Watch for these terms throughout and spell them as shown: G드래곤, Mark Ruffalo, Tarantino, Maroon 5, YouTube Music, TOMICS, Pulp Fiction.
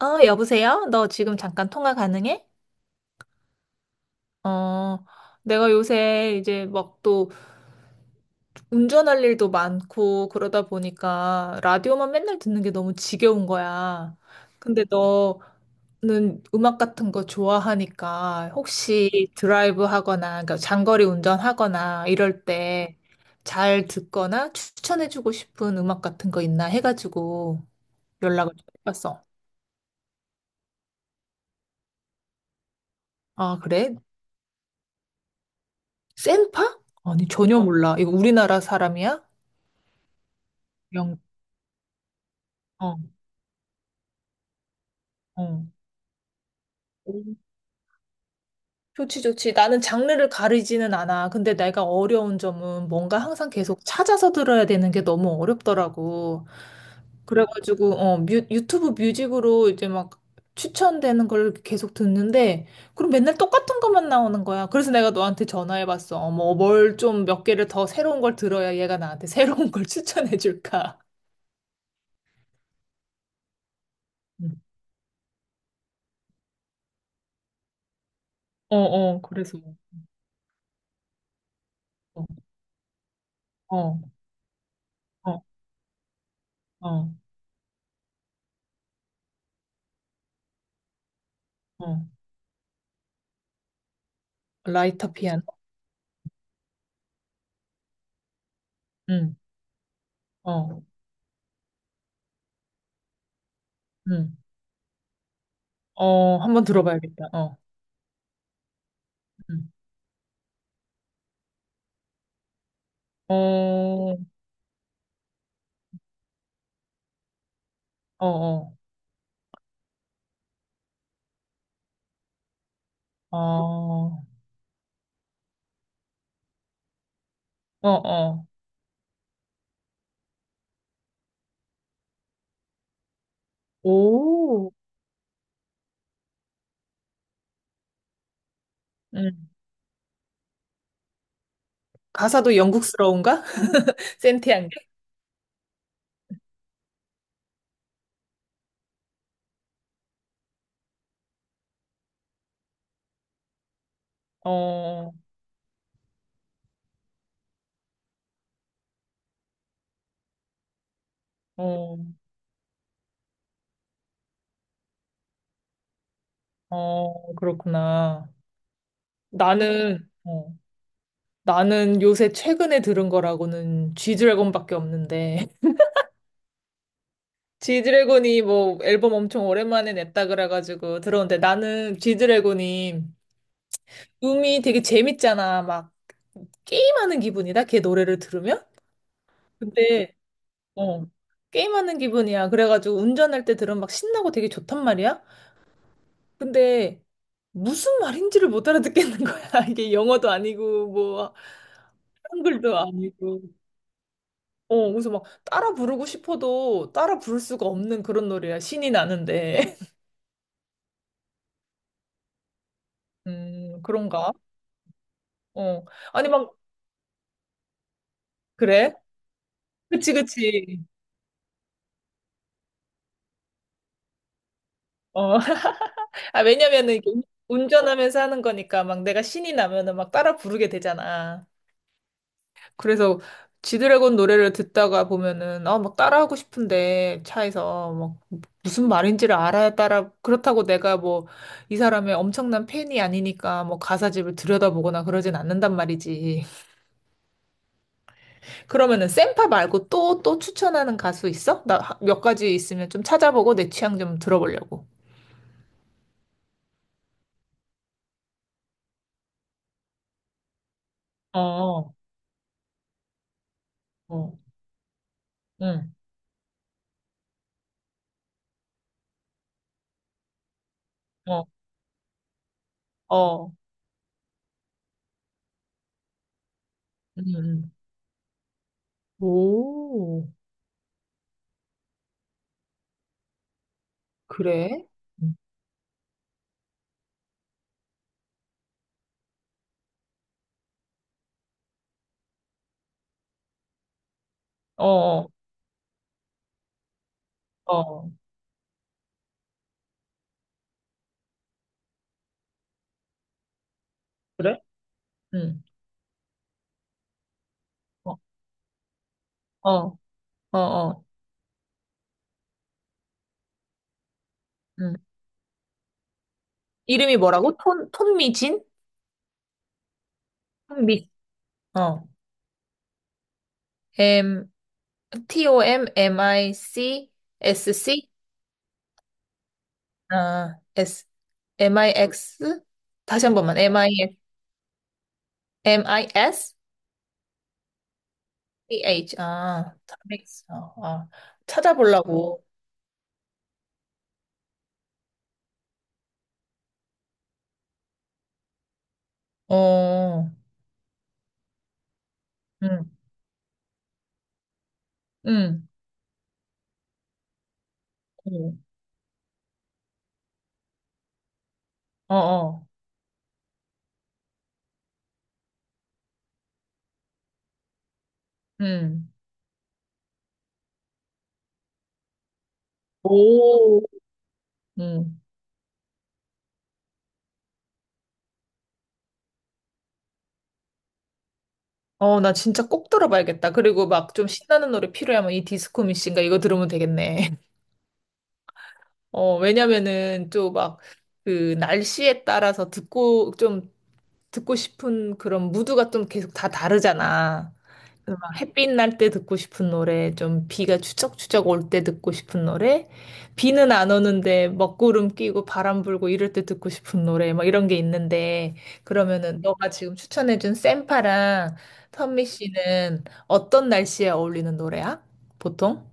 여보세요? 너 지금 잠깐 통화 가능해? 어, 내가 요새 이제 막 또 운전할 일도 많고 그러다 보니까 라디오만 맨날 듣는 게 너무 지겨운 거야. 근데 너는 음악 같은 거 좋아하니까 혹시 드라이브 하거나, 그러니까 장거리 운전하거나 이럴 때 잘 듣거나 추천해주고 싶은 음악 같은 거 있나 해가지고 연락을 좀 해봤어. 아, 그래? 센파? 아니, 전혀 몰라. 이거 우리나라 사람이야? 영, 어, 어. 오, 좋지, 좋지. 나는 장르를 가리지는 않아. 근데 내가 어려운 점은 뭔가 항상 계속 찾아서 들어야 되는 게 너무 어렵더라고. 그래가지고, 유튜브 뮤직으로 이제 막 추천되는 걸 계속 듣는데, 그럼 맨날 똑같은 것만 나오는 거야. 그래서 내가 너한테 전화해봤어. 어머, 뭘 좀 몇 개를 더 새로운 걸 들어야 얘가 나한테 새로운 걸 추천해줄까. 음. 그래서. 어, 어, 어, 어. 어. 라이터 피아노? 응, 어. 음. 한번 들어봐야겠다. 어. 음. 어, 어, 어. 어, 어, 어. 오. 음. 가사도 영국스러운가? 센티한 게? 어, 어, 그렇구나. 나는, 어, 나는 요새 최근에 들은 거라고는 G드래곤밖에 없는데. G드래곤이 뭐 앨범 엄청 오랜만에 냈다 그래가지고 들었는데 나는 G드래곤이 음이 되게 재밌잖아. 막 게임하는 기분이다. 걔 노래를 들으면. 근데 어 게임하는 기분이야. 그래가지고 운전할 때 들으면 막 신나고 되게 좋단 말이야. 근데 무슨 말인지를 못 알아듣겠는 거야. 이게 영어도 아니고 뭐 한글도 아니고. 그래서 막 따라 부르고 싶어도 따라 부를 수가 없는 그런 노래야. 신이 나는데. 그런가? 어 아니 막 그래? 그치 그치. 어 아, 왜냐면은 이게 운전하면서 하는 거니까 막 내가 신이 나면은 막 따라 부르게 되잖아. 그래서 지드래곤 노래를 듣다가 보면은 아, 막 따라하고 싶은데 차에서 막 무슨 말인지를 알아야 따라 그렇다고 내가 뭐 이 사람의 엄청난 팬이 아니니까 뭐 가사집을 들여다보거나 그러진 않는단 말이지. 그러면은 샘파 말고 또 추천하는 가수 있어? 나 몇 가지 있으면 좀 찾아보고 내 취향 좀 들어보려고. 어, 어, 응, 어, 어, 응, 응. 오, 그래? 음. 어, 어, 어, 그래? 응, 어, 어, 어, 어, 응. 이름이 뭐라고? 톤미진? 톤미, 어, M, T, O, M, M, I, C, S, C? 아, S, M, I, X? 다시 한 번만, M, I, X, M, I, S, C, H, 아, 탐믹스, 어, 아, 찾아보려고, 어, 응, 응, 응, 어, 어, 응, 오, 나 진짜 꼭 들어봐야겠다. 그리고 막 좀 신나는 노래 필요하면 이 디스코 미신가 이거 들으면 되겠네. 왜냐면은 또 막 그 날씨에 따라서 듣고 좀 듣고 싶은 그런 무드가 좀 계속 다 다르잖아. 그 막 햇빛 날 때 듣고 싶은 노래, 좀 비가 추적추적 올 때 듣고 싶은 노래, 비는 안 오는데 먹구름 끼고 바람 불고 이럴 때 듣고 싶은 노래, 막 이런 게 있는데, 그러면은 너가 지금 추천해준 샘파랑 선미 씨는 어떤 날씨에 어울리는 노래야? 보통?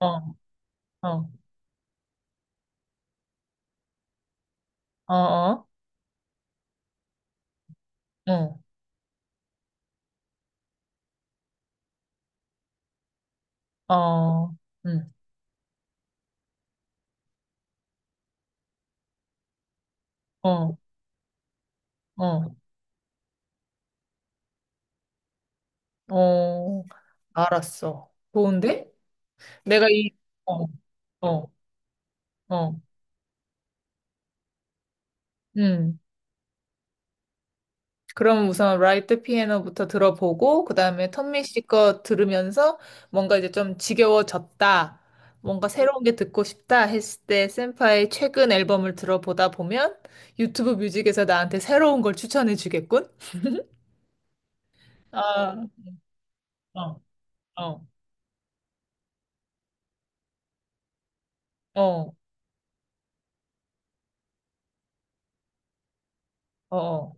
어, 어, 어, 어, 어, 어, 응, 어, 어, 어, 알았어. 좋은데? 내가 이, 어, 어, 어, 응. 그럼 우선 라이트 피아노부터 들어보고 그다음에 턴미 씨거 들으면서 뭔가 이제 좀 지겨워졌다. 뭔가 새로운 게 듣고 싶다 했을 때 센파의 최근 앨범을 들어보다 보면 유튜브 뮤직에서 나한테 새로운 걸 추천해 주겠군? 아, 어, 어, 어, 어. 어,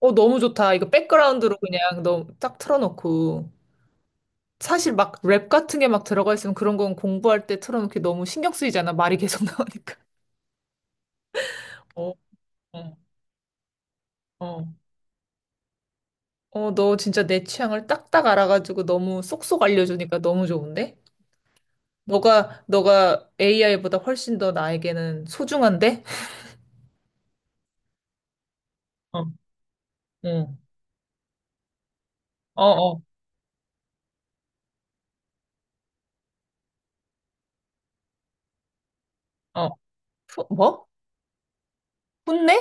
너무 좋다. 이거 백그라운드로 그냥 너무 딱 틀어놓고. 사실 막 랩 같은 게 막 들어가 있으면 그런 건 공부할 때 틀어놓기 너무 신경 쓰이잖아. 말이 계속 나오니까. 어, 어, 어. 너 진짜 내 취향을 딱딱 알아가지고 너무 쏙쏙 알려주니까 너무 좋은데? 너가 AI보다 훨씬 더 나에게는 소중한데? 어, 응. 어, 어, 어. 뭐? 혼내?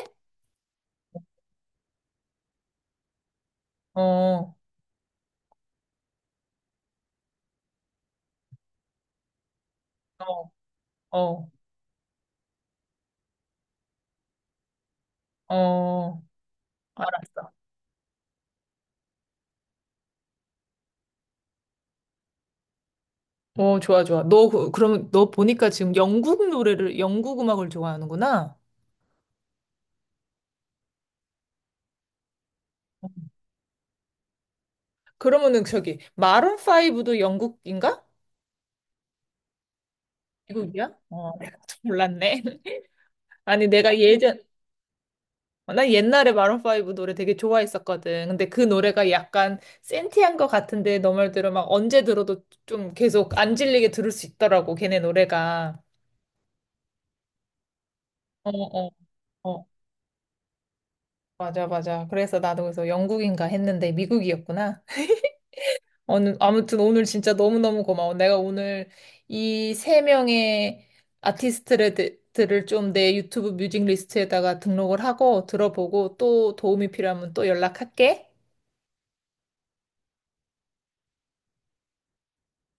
어, 어, 어, 어. 알았어. 좋아, 좋아. 너, 그럼 너 보니까 지금 영국 노래를, 영국 음악을 좋아하는구나? 그러면은 저기, 마룬5도 영국인가? 미국이야? 내가 좀 몰랐네. 아니, 난 옛날에 마룬5 노래 되게 좋아했었거든. 근데 그 노래가 약간 센티한 것 같은데 너 말대로 막 언제 들어도 좀 계속 안 질리게 들을 수 있더라고, 걔네 노래가. 어, 어, 어. 맞아, 맞아. 그래서 나도 그래서 영국인가 했는데 미국이었구나. 아무튼 오늘 진짜 너무너무 고마워. 내가 오늘 이 세 명의 아티스트들을 좀 내 유튜브 뮤직 리스트에다가 등록을 하고 들어보고 또 도움이 필요하면 또 연락할게.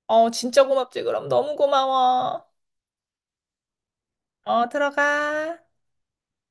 진짜 고맙지, 그럼. 너무 고마워. 들어가.